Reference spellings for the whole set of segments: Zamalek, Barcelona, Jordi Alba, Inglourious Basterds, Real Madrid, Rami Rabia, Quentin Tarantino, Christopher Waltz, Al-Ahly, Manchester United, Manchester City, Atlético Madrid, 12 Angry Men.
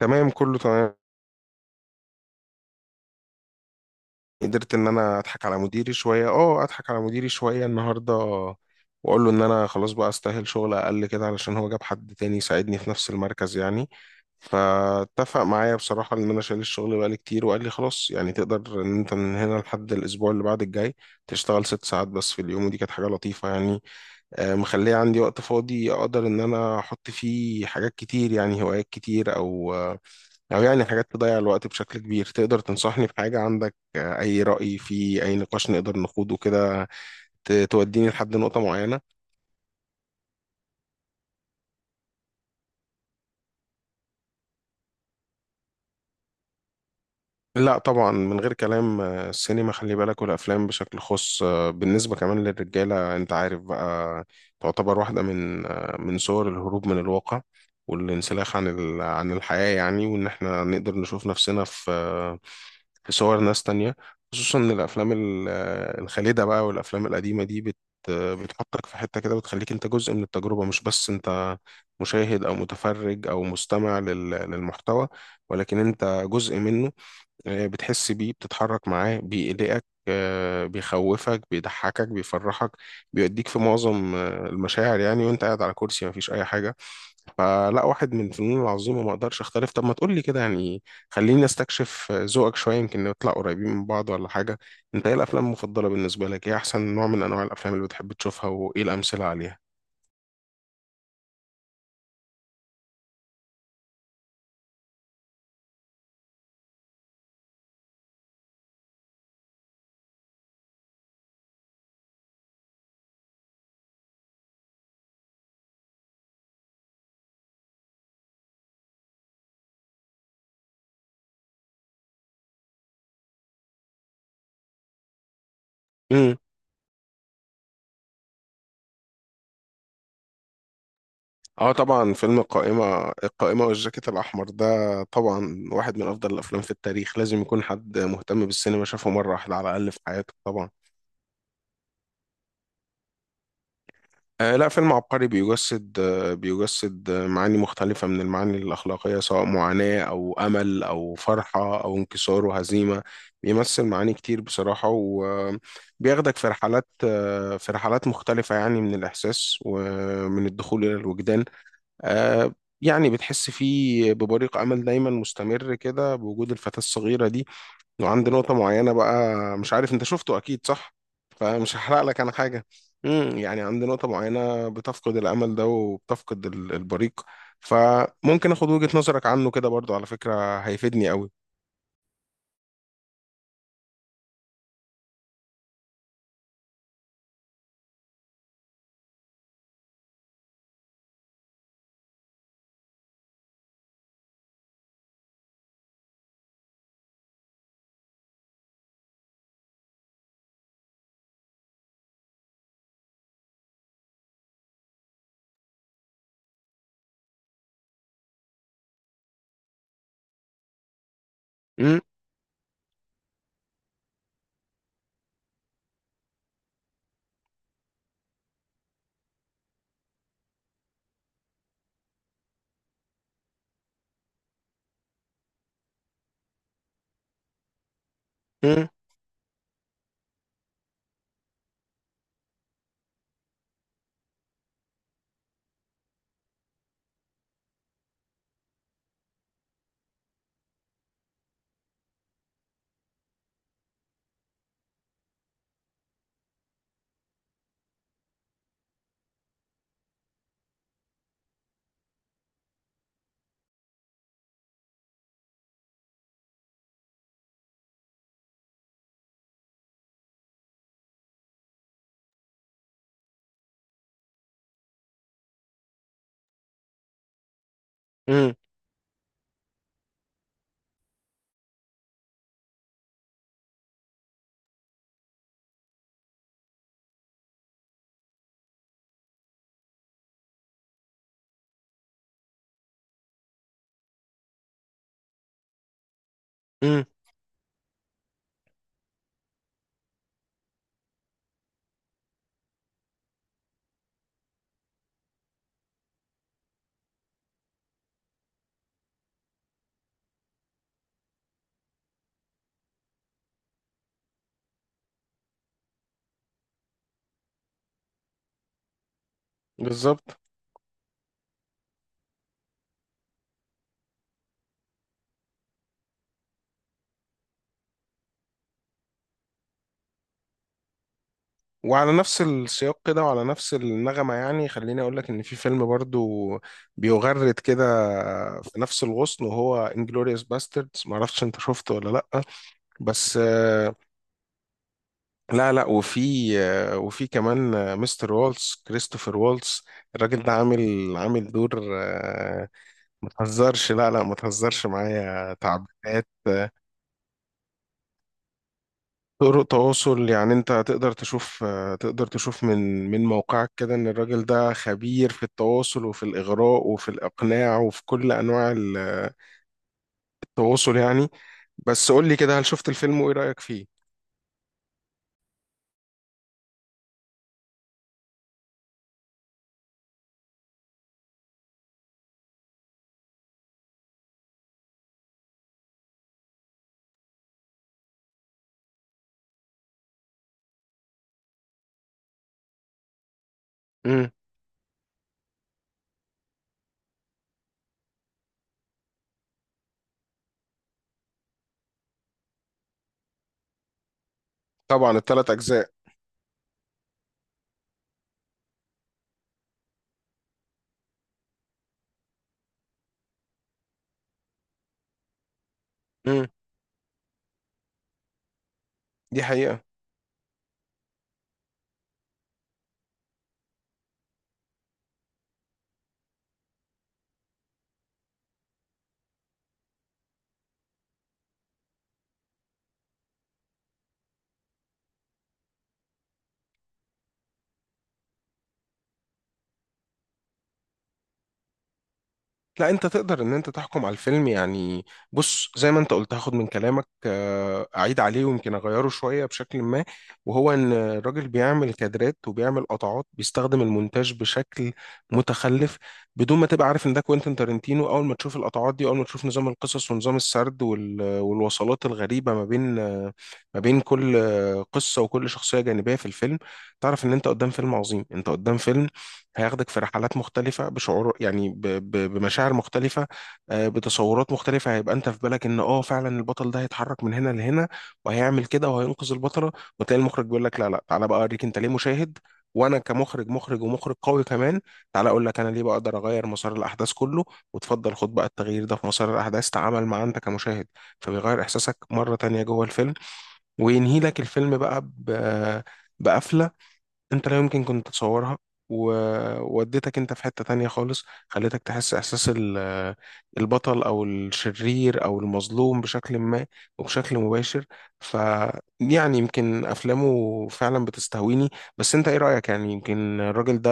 تمام، كله تمام. قدرت ان انا اضحك على مديري شويه النهارده، واقول له ان انا خلاص بقى استاهل شغل اقل كده، علشان هو جاب حد تاني يساعدني في نفس المركز يعني. فاتفق معايا بصراحه ان انا شايل الشغل بقالي كتير، وقال لي خلاص يعني تقدر ان انت من هنا لحد الاسبوع اللي بعد الجاي تشتغل 6 ساعات بس في اليوم، ودي كانت حاجه لطيفه يعني. مخليه عندي وقت فاضي اقدر ان انا احط فيه حاجات كتير يعني، هوايات كتير او او يعني حاجات تضيع الوقت بشكل كبير. تقدر تنصحني بحاجة عندك؟ اي رأي في اي نقاش نقدر نخوضه كده توديني لحد نقطة معينة؟ لا طبعا من غير كلام، السينما، خلي بالك، والافلام بشكل خاص بالنسبة كمان للرجالة انت عارف بقى، تعتبر واحدة من صور الهروب من الواقع والانسلاخ عن الحياة يعني، وإن إحنا نقدر نشوف نفسنا في صور ناس تانية، خصوصا ان الافلام الخالدة بقى، والافلام القديمة دي بتحطك في حتة كده، بتخليك انت جزء من التجربة، مش بس انت مشاهد او متفرج او مستمع للمحتوى، ولكن انت جزء منه. بتحس بيه، بتتحرك معاه، بيقلقك، بيخوفك، بيضحكك، بيفرحك، بيوديك في معظم المشاعر يعني، وانت قاعد على كرسي مفيش اي حاجة. فلا، واحد من الفنون العظيمة، ما اقدرش اختلف. طب ما تقول لي كده يعني، خليني استكشف ذوقك شوية، يمكن نطلع قريبين من بعض ولا حاجة. انت ايه الافلام المفضلة بالنسبة لك؟ ايه احسن نوع من انواع الافلام اللي بتحب تشوفها، وايه الامثلة عليها؟ امم. اه طبعا، فيلم القائمة والجاكيت الاحمر ده طبعا واحد من افضل الافلام في التاريخ، لازم يكون حد مهتم بالسينما شافه مرة واحدة على الاقل في حياته طبعا. لا، فيلم عبقري، بيجسد معاني مختلفة من المعاني الأخلاقية، سواء معاناة أو أمل أو فرحة أو انكسار وهزيمة، بيمثل معاني كتير بصراحة، وبياخدك في رحلات آه في رحلات مختلفة يعني، من الإحساس ومن الدخول إلى الوجدان آه يعني بتحس فيه ببريق أمل دايما مستمر كده، بوجود الفتاة الصغيرة دي. وعندي نقطة معينة بقى، مش عارف انت شفته، اكيد صح، فمش هحرق لك انا حاجة. يعني عندي نقطة معينة بتفقد الامل ده وبتفقد البريق، فممكن اخد وجهة نظرك عنه كده برضو، على فكرة هيفيدني قوي. امم. امم. امم. امم. بالظبط. وعلى نفس السياق كده وعلى نفس النغمة يعني، خليني اقول لك ان في فيلم برضو بيغرد كده في نفس الغصن، وهو انجلوريوس باستردز، معرفش انت شفته ولا لا. بس لا لا، وفي كمان مستر والتس، كريستوفر والتس، الراجل ده عامل دور ما تهزرش، لا لا ما تهزرش معايا، تعبيرات طرق تواصل يعني. انت تقدر تشوف تقدر تشوف من موقعك كده ان الراجل ده خبير في التواصل وفي الاغراء وفي الاقناع وفي كل انواع التواصل يعني. بس قول لي كده، هل شفت الفيلم وايه رايك فيه؟ امم. طبعا، 3 اجزاء. امم. دي حقيقة. لا انت تقدر ان انت تحكم على الفيلم يعني. بص، زي ما انت قلت، هاخد من كلامك اعيد عليه ويمكن اغيره شوية بشكل ما، وهو ان الراجل بيعمل كادرات وبيعمل قطعات، بيستخدم المونتاج بشكل متخلف. بدون ما تبقى عارف ان ده كوينتين تارنتينو، اول ما تشوف القطعات دي، اول ما تشوف نظام القصص ونظام السرد والوصلات الغريبة ما بين ما بين كل قصة وكل شخصية جانبية في الفيلم، تعرف ان انت قدام فيلم عظيم. انت قدام فيلم هياخدك في رحلات مختلفة بشعور يعني بمشاعر مختلفة، بتصورات مختلفة. هيبقى انت في بالك ان فعلا البطل ده هيتحرك من هنا لهنا وهيعمل كده وهينقذ البطلة، وتلاقي المخرج بيقول لك لا لا، تعالى بقى اوريك انت ليه مشاهد، وانا كمخرج، مخرج ومخرج قوي كمان، تعالى اقول لك انا ليه بقى اقدر اغير مسار الاحداث كله، وتفضل خد بقى التغيير ده في مسار الاحداث، تعامل مع انت كمشاهد، فبيغير احساسك مرة تانية جوه الفيلم. وينهي لك الفيلم بقى بقفلة انت لا يمكن كنت تتصورها، ووديتك انت في حتة تانية خالص، خليتك تحس احساس البطل او الشرير او المظلوم بشكل ما وبشكل مباشر. ف يعني يمكن افلامه فعلا بتستهويني، بس انت ايه رأيك؟ يعني يمكن الراجل ده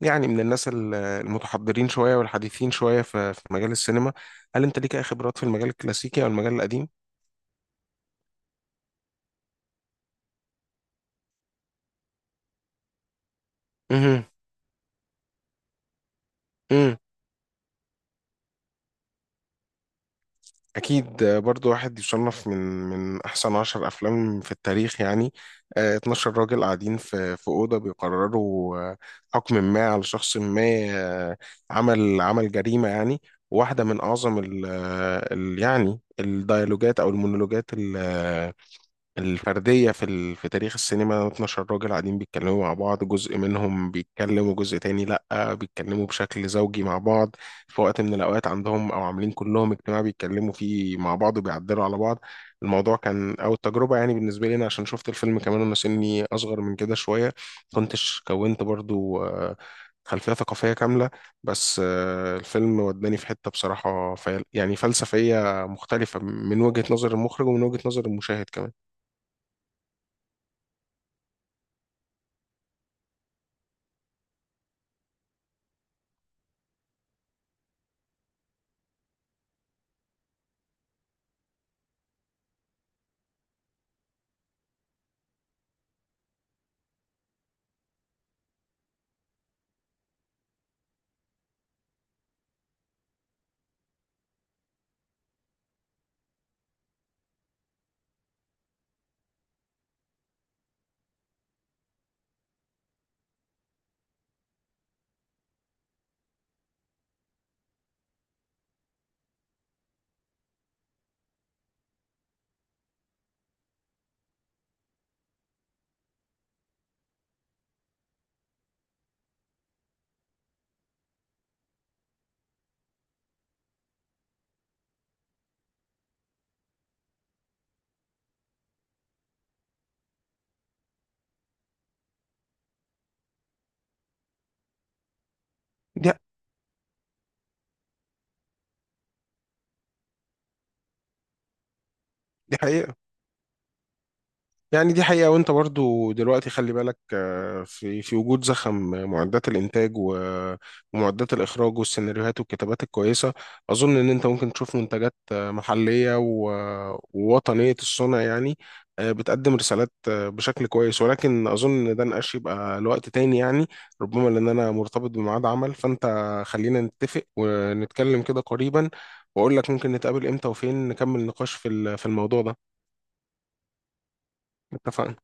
يعني من الناس المتحضرين شوية والحديثين شوية في مجال السينما. هل انت ليك اي خبرات في المجال الكلاسيكي او المجال القديم؟ مهم. أكيد، برضو واحد يصنف من أحسن 10 أفلام في التاريخ يعني. 12 راجل قاعدين في أوضة بيقرروا حكم ما على شخص ما، آه، عمل جريمة يعني. واحدة من أعظم يعني الديالوجات أو المونولوجات الفردية في تاريخ السينما. 12 راجل قاعدين بيتكلموا مع بعض، جزء منهم بيتكلموا، جزء تاني لأ بيتكلموا بشكل زوجي مع بعض، في وقت من الأوقات عندهم، أو عاملين كلهم اجتماع بيتكلموا فيه مع بعض وبيعدلوا على بعض. الموضوع كان، أو التجربة يعني بالنسبة لي أنا، عشان شفت الفيلم كمان وأنا سني أصغر من كده شوية، كنتش كونت برضو خلفية ثقافية كاملة. بس الفيلم وداني في حتة بصراحة يعني فلسفية مختلفة، من وجهة نظر المخرج ومن وجهة نظر المشاهد كمان. دي دي حقيقة. يعني دي حقيقة، وانت برضو دلوقتي خلي بالك في وجود زخم، معدات الانتاج ومعدات الاخراج والسيناريوهات والكتابات الكويسة. اظن ان انت ممكن تشوف منتجات محلية ووطنية الصنع يعني، بتقدم رسالات بشكل كويس، ولكن اظن ان ده نقاش يبقى لوقت تاني يعني. ربما لان انا مرتبط بميعاد عمل، فانت خلينا نتفق ونتكلم كده قريبا، واقول لك ممكن نتقابل امتى وفين نكمل نقاش في الموضوع ده. اتفقنا.